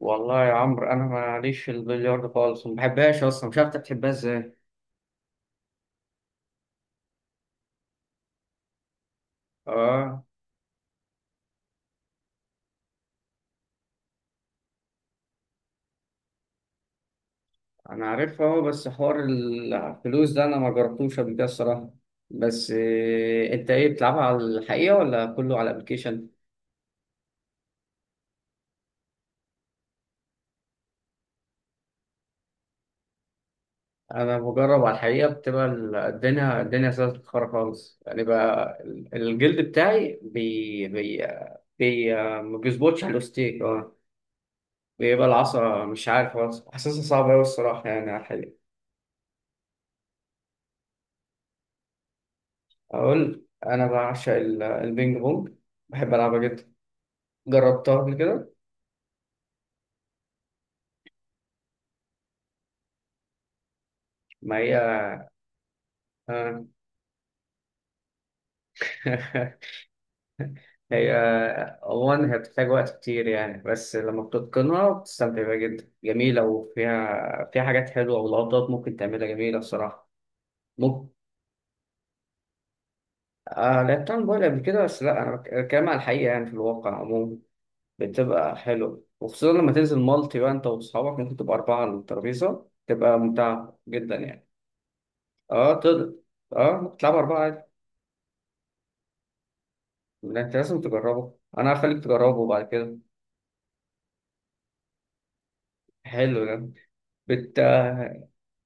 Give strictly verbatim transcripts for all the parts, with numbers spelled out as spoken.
والله يا عمرو انا ماليش في البلياردو خالص، ما بحبهاش اصلا، مش عارف انت بتحبها ازاي. اه انا عارفها اهو، بس حوار الفلوس ده انا ما جربتوش قبل كده الصراحه. بس إيه، انت ايه، بتلعبها على الحقيقه ولا كله على الابلكيشن؟ انا بجرب على الحقيقه، بتبقى ال- الدنيا الدنيا سهله تتخرج خالص يعني، بقى ال- الجلد بتاعي بي بي, بي آه، ما بيظبطش على الاوستيك اه، بيبقى العصا مش عارف خالص، حاسسها صعبه قوي الصراحه يعني على الحقيقه. اقول انا بعشق ال- البينج بونج، بحب العبها جدا. جربتها قبل كده. ما هي آه. هي عموما هي بتحتاج وقت كتير يعني، بس لما بتتقنها بتستمتع بيها جدا، جميلة، وفيها فيها حاجات حلوة ولقطات ممكن تعملها جميلة الصراحة. ممكن آه، لعبتها على الموبايل قبل كده، بس لا انا بك- بتكلم على الحقيقة يعني في الواقع عموما. بتبقى حلوة، وخصوصا لما تنزل مالتي بقى انت واصحابك ممكن تبقى أربعة على الترابيزة، تبقى ممتعة جدا يعني. اه تقدر، اه بتلعب أربعة عادي. لا، أنت لازم تجربه، أنا هخليك تجربه بعد كده. حلو ده. بت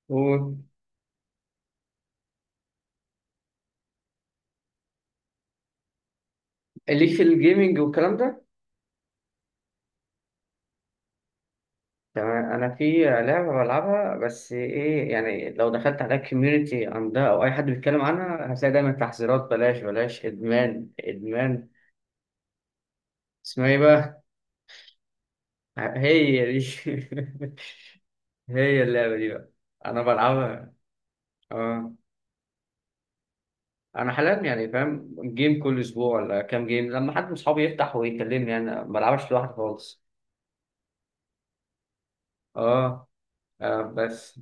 و- ليك في الجيمنج والكلام ده. تمام، أنا في لعبة بلعبها، بس إيه يعني لو دخلت على الكوميونتي عندها أو أي حد بيتكلم عنها هتلاقي دايما تحذيرات، بلاش بلاش، إدمان إدمان. اسمها إيه بقى؟ هي دي هي اللعبة دي بقى، أنا بلعبها. اه انا حاليا يعني فاهم جيم كل اسبوع ولا كام جيم، لما حد من اصحابي يفتح ويكلمني، انا ما بلعبش لوحدي خالص. اه آه، بس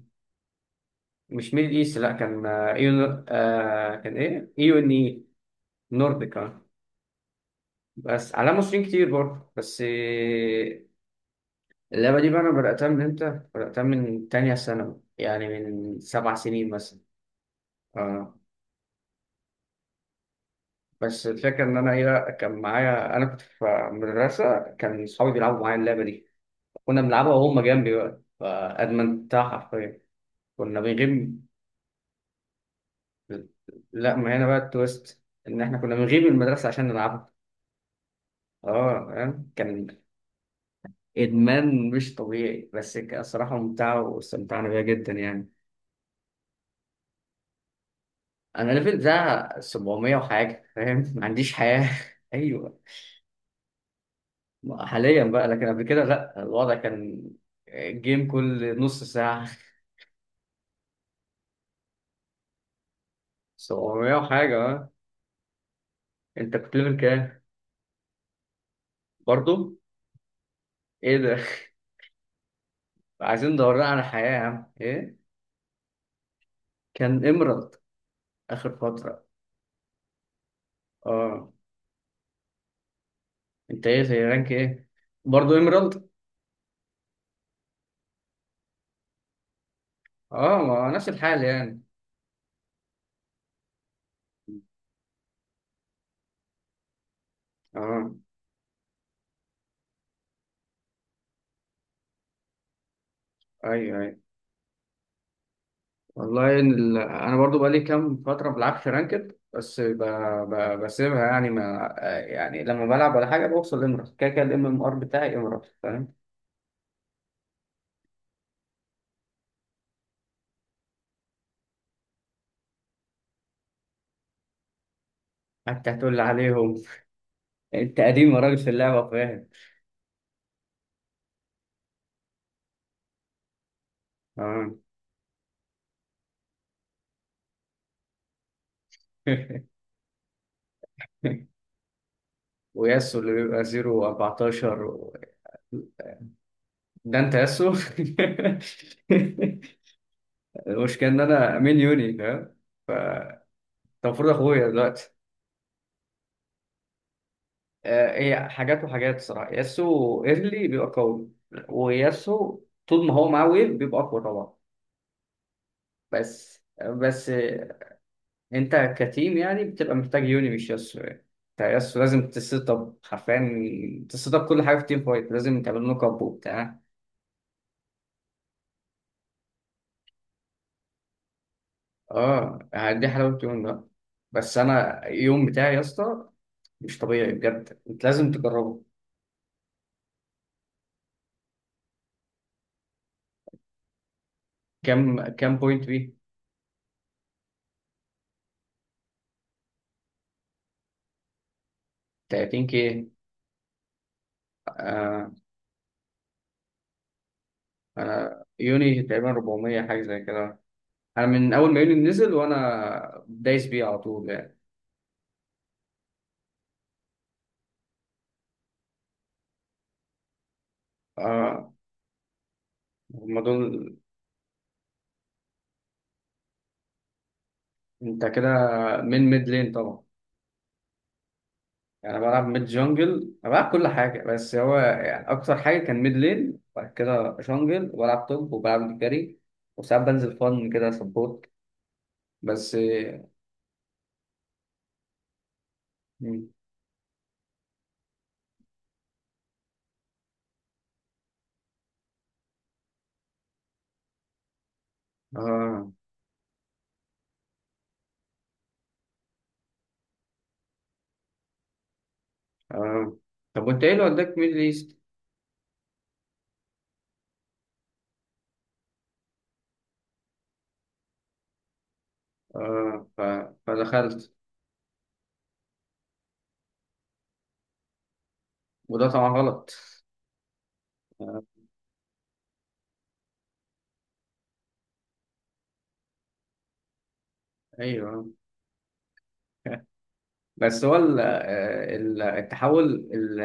مش ميدل ايست، لا كان آه، ايو، آه كان ايه، ايو ان اي، نورديك آه. بس على مصريين كتير برضه، بس آه، اللعبه دي بقى انا بداتها من امتى، بداتها من تانية ثانوي يعني من سبع سنين مثلا. اه بس الفكره ان انا ايه، كان معايا، انا كنت في مدرسه، كان اصحابي بيلعبوا معايا اللعبه دي، كنا بنلعبها وهم جنبي بقى، فادمنتها حرفيا. كنا بنغيب. لا، ما هنا بقى التويست، ان احنا كنا بنغيب من المدرسه عشان نلعبها. اه فاهم؟ كان ادمان مش طبيعي، بس كانت الصراحه ممتعه واستمتعنا بيها جدا يعني. انا ليفل بتاع سبعمية وحاجه، فاهم، ما عنديش حياه ايوه، حاليا بقى، لكن قبل كده لا، الوضع كان جيم كل نص ساعه. سبعمية وحاجه اه. انت كنت ليفل كام؟ برضه؟ ايه ده، عايزين ندور على حياة يا عم ايه. كان ايمرالد اخر فترة. اه، انت ايه زي، رانك ايه؟ برضه ايمرالد اه، ما نفس الحال يعني. اه ايوه ايوه. والله إن ال... انا برضو بقالي كام فتره ما بلعبش رانكد، بس ب... ب... بسيبها يعني، ما يعني لما بلعب ولا حاجه بوصل لمرض، كده كده الام ام ار بتاعي امرض، فاهم. حتى هتقول لي عليهم؟ انت قديم يا راجل في اللعبه فاهم. اه وياسو اللي بيبقى صفر و14، ده انت ياسو المشكلة ان انا مين، يوني فاهم. ف انت، المفروض اخويا دلوقتي. آه، هي حاجات وحاجات الصراحة، ياسو ايرلي بيبقى قوي، وياسو طول ما هو معاه ويف بيبقى اقوى طبعا. بس بس آه، انت كتيم يعني، بتبقى محتاج يوني مش ياسو يعني. انت ياسو لازم تسيت اب، حرفيا تسيت اب كل حاجة، في تيم فايت لازم تعمل نوك اب وبتاع. اه، دي حلاوة يوني بقى. بس انا يوم بتاعي يا اسطى مش طبيعي بجد، انت لازم تجربه. كام كام بوينت بيه؟ تلاتين كي. آه انا يوني تقريبا اربعمية حاجه زي كده. انا من اول ما يوني نزل وانا دايس بيه على طول يعني. آه، هما دول. انت كده من ميد لين طبعا. يعني انا بلعب ميد جونجل، انا بلعب كل حاجه، بس هو يعني اكتر حاجه كان ميد لين، وبعد كده جونجل، وبلعب توب، وبلعب جاري، وساعات بنزل فن كده سبورت. بس آه آه. طب وانت ايه اللي وداك ميدل ايست؟ آه. ف... فدخلت. وده طبعا غلط. آه. ايوه بس هو ال... آه، ال- التحول، ال...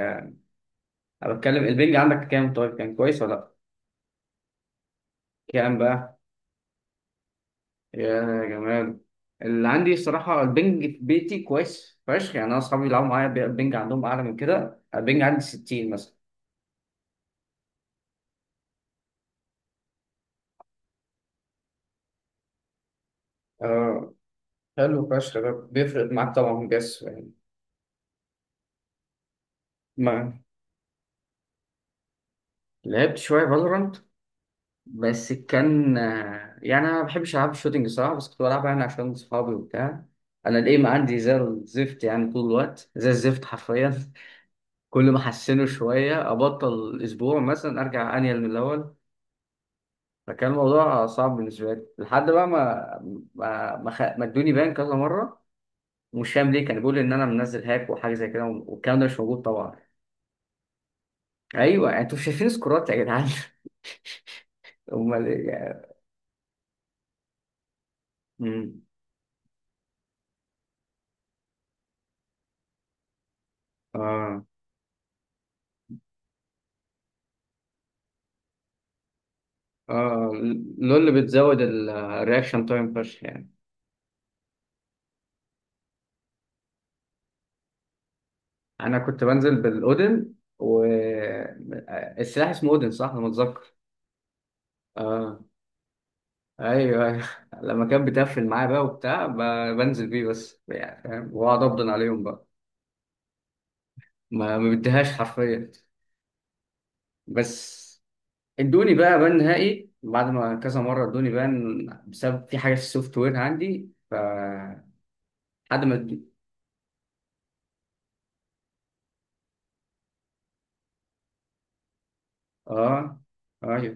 انا بتكلم البنج عندك كام طيب، كان كويس ولا لا؟ كام بقى؟ يا جمال. اللي عندي الصراحة البنج في بيتي كويس فشخ يعني، أنا أصحابي بيلعبوا معايا البنج عندهم أعلى من كده، البنج عندي ستين مثلا. آه، حلو فشخ، ده بيفرق معاك طبعا جس يعني. ما لعبت شوية فالورانت، بس كان آه، يعني انا ما بحبش العب الشوتينج صراحه، بس كنت بلعبها يعني عشان صحابي وبتاع. انا الايم عندي زي الزفت يعني، طول الوقت زي الزفت حرفيا كل ما احسنه شويه ابطل اسبوع مثلا، ارجع انيل من الاول. فكان الموضوع صعب بالنسبه لي، لحد بقى ما ما ما, خ... ما ادوني بان كذا مره. مش فاهم ليه، كان بيقول ان انا منزل هاك وحاجه زي كده، والكلام ده مش موجود طبعا. ايوه انتوا شايفين سكورات يا جدعان امال ايه يعني. امم اه اه. لول بتزود الرياكشن تايم فشخ يعني. انا كنت بنزل بالاودن و السلاح اسمه اودن صح، انا متذكر. اه ايوه ايوه لما كان بتقفل معايا بقى وبتاع، ب- بنزل بيه بس يعني فاهم، واقعد ابدن عليهم بقى. ما ما بديهاش حرفيا. بس ادوني بقى بان نهائي بعد ما كذا مره ادوني بان بسبب في حاجه في السوفت وير عندي، ف لحد ما ادوني. اه ايوه.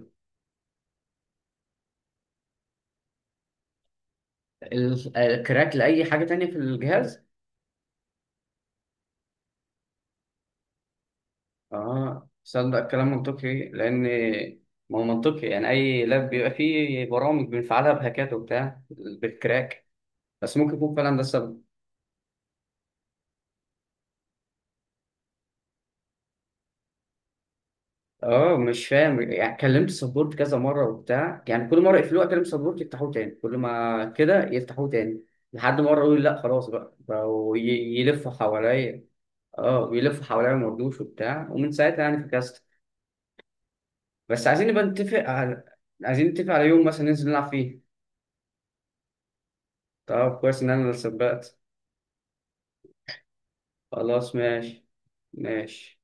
ال- الكراك لاي حاجه تانية في الجهاز. اه صدق، كلام منطقي، لان ما هو منطقي يعني، اي لاب بيبقى فيه برامج بنفعلها بهاكات وبتاع بالكراك. بس ممكن يكون فعلا ده السبب. اه مش فاهم يعني، كلمت سبورت كذا مره وبتاع، يعني كل مره يقفلوه اكلم سبورت يفتحوه تاني، كل ما كده يفتحوه تاني، لحد مره يقول لا خلاص بقى، بقوا ي- يلفوا حواليا. اه بيلفوا حواليا، ما رضوش وبتاع، ومن ساعتها يعني فكست. بس عايزين نبقى نتفق على، عايزين نتفق على يوم مثلا ننزل نلعب فيه. طب كويس ان انا اللي سبقت. خلاص ماشي. ماشي.